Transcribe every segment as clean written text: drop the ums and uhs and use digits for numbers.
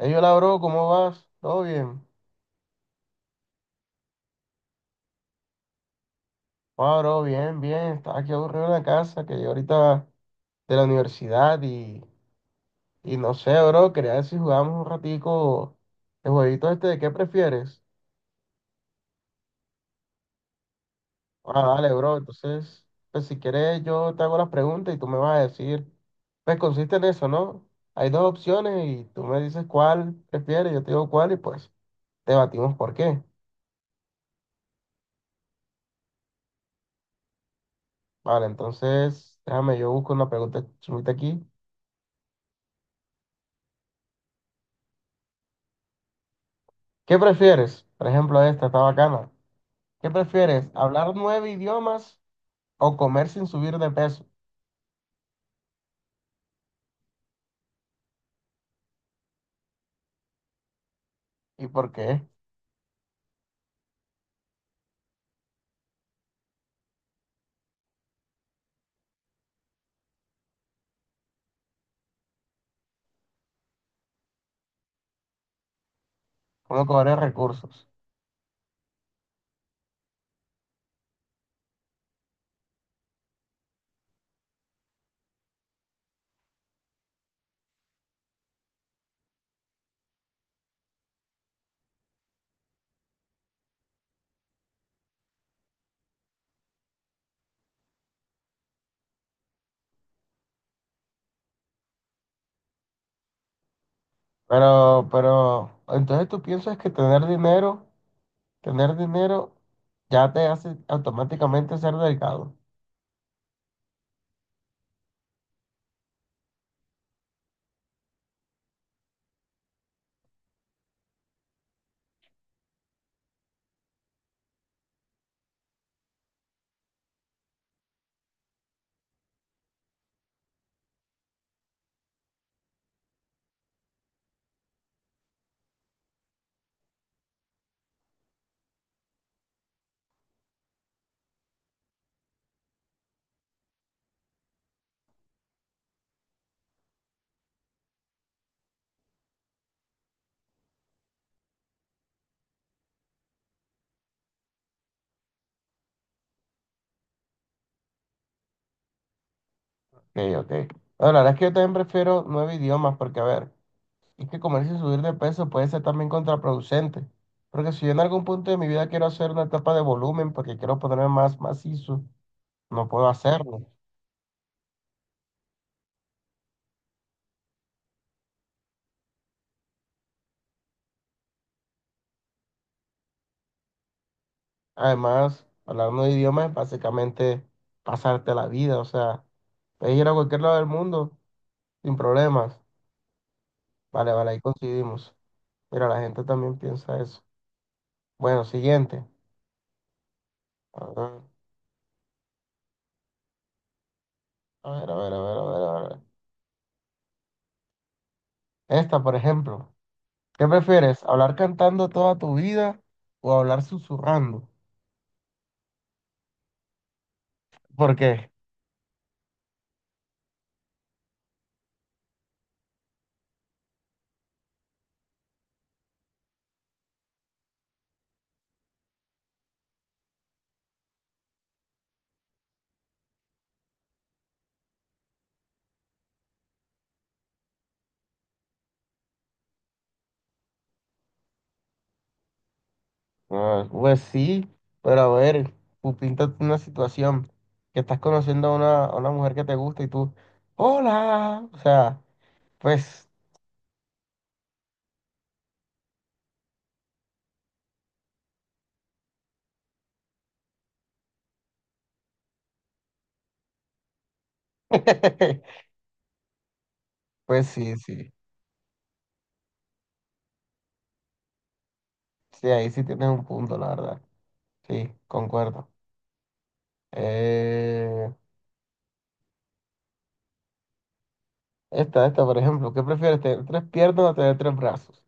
Ey, hola, bro, ¿cómo vas? ¿Todo bien? Ah, bro, bien, bien. Estaba aquí aburrido en la casa, que yo ahorita de la universidad y no sé, bro, quería ver si jugamos un ratico el jueguito este de qué prefieres. Ah, dale, bro, entonces, pues si quieres yo te hago las preguntas y tú me vas a decir, pues consiste en eso, ¿no? Hay dos opciones y tú me dices cuál prefieres, yo te digo cuál y pues debatimos por qué. Vale, entonces, déjame, yo busco una pregunta chulita aquí. ¿Qué prefieres? Por ejemplo, esta está bacana. ¿Qué prefieres? ¿Hablar nueve idiomas o comer sin subir de peso? ¿Y por qué? ¿Cómo cobrar recursos? Entonces tú piensas que tener dinero ya te hace automáticamente ser delgado. Ok, ok. Bueno, la verdad es que yo también prefiero nueve idiomas porque, a ver, es que comer sin subir de peso puede ser también contraproducente. Porque si yo en algún punto de mi vida quiero hacer una etapa de volumen porque quiero ponerme más macizo, no puedo hacerlo. Además, hablando de idiomas es básicamente pasarte la vida. O sea, puedes ir a cualquier lado del mundo sin problemas. Vale, vale, ahí coincidimos. Mira, la gente también piensa eso. Bueno, siguiente. A ver, a ver, a ver, a ver, a ver, a ver. Esta, por ejemplo. ¿Qué prefieres? ¿Hablar cantando toda tu vida o hablar susurrando? ¿Por qué? Ah, pues sí, pero a ver, tú píntate una situación que estás conociendo a una mujer que te gusta y tú, hola, o sea, pues, pues sí, sí, sí, ahí sí tienes un punto, la verdad, sí, concuerdo. Eh, esta, por ejemplo, ¿qué prefieres, tener tres piernas o tener tres brazos?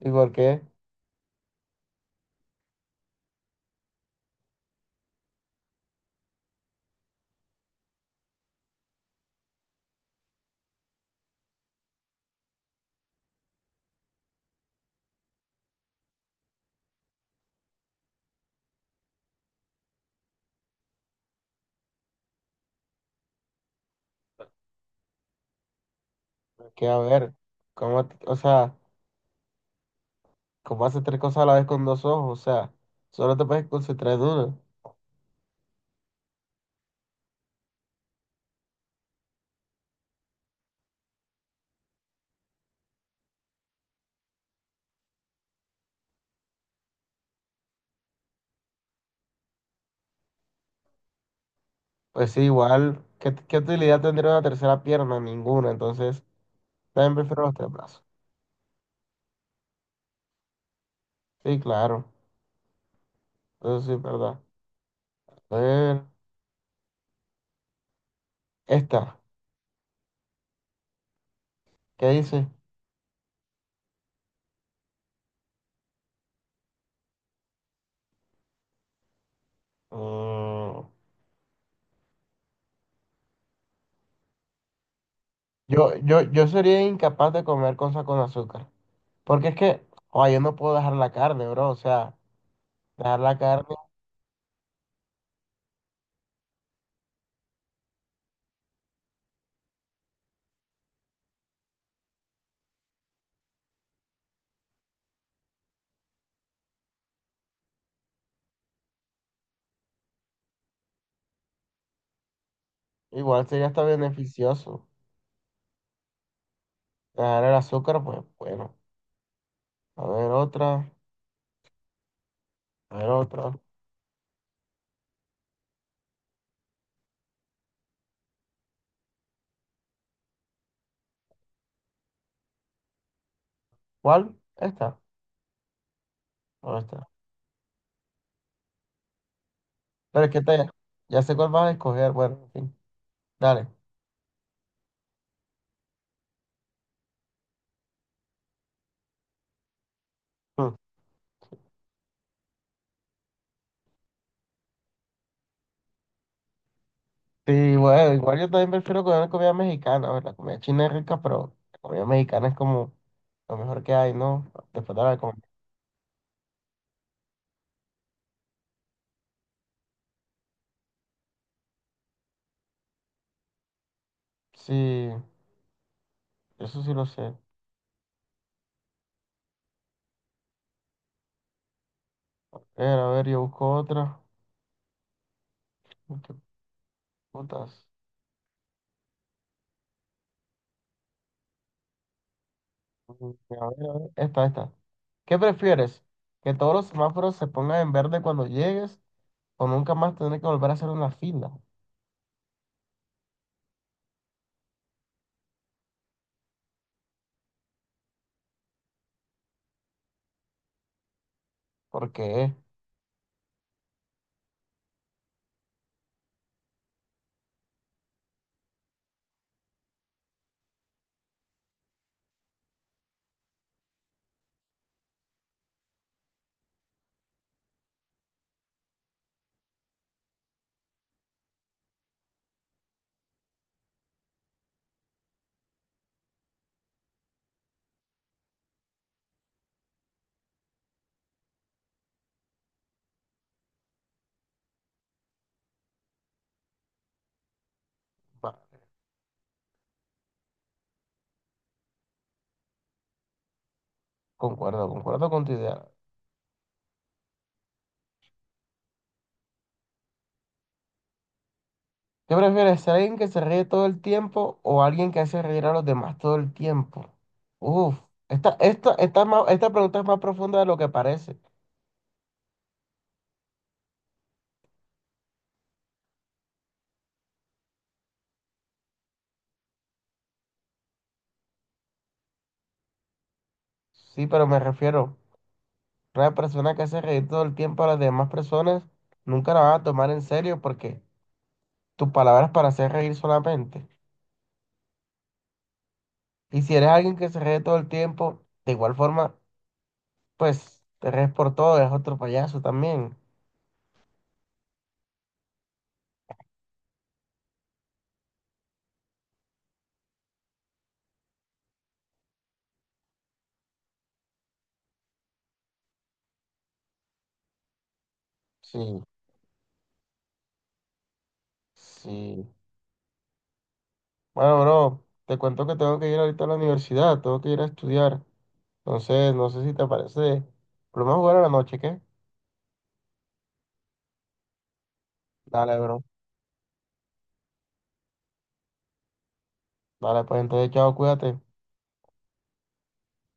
¿Y por qué? Porque, a ver, ¿ o sea, ¿cómo haces tres cosas a la vez con dos ojos? O sea, solo te puedes concentrar en uno. Pues sí, igual, ¿qué utilidad tendría una tercera pierna? Ninguna, entonces también prefiero los tres brazos. Sí, claro, eso sí es verdad. A ver, esta, ¿qué dice? Mm, yo sería incapaz de comer cosas con azúcar, porque es que, oh, yo no puedo dejar la carne, bro. O sea, dejar la carne igual sería hasta beneficioso. Dejar el azúcar, pues bueno, a ver otra, a ver otra. ¿Cuál? Esta, o esta. Pero es que te, ya sé cuál vas a escoger, bueno, en fin. Dale. Mm. Sí, bueno, igual yo también prefiero comer comida mexicana a la comida china. Es rica, pero la comida mexicana es como lo mejor que hay, ¿no? Después de la comida. Sí, eso sí lo sé. A ver, yo busco otra. ¿Qué putas? Mm, a ver, esta, ¿Qué prefieres? ¿Que todos los semáforos se pongan en verde cuando llegues o nunca más tener que volver a hacer una fila? Porque, concuerdo con tu idea. ¿Qué prefieres, ser alguien que se ríe todo el tiempo o alguien que hace reír a los demás todo el tiempo? Uf, esta pregunta es más profunda de lo que parece. Sí, pero me refiero, una persona que hace reír todo el tiempo a las demás personas, nunca la van a tomar en serio porque tus palabras para hacer reír solamente. Y si eres alguien que se ríe todo el tiempo, de igual forma, pues te ríes por todo, eres otro payaso también. Sí, sí. Bueno, bro, te cuento que tengo que ir ahorita a la universidad, tengo que ir a estudiar. Entonces, no sé si te parece. Pero vamos a jugar a la noche, ¿qué? Dale, bro. Dale, pues entonces, chao, cuídate.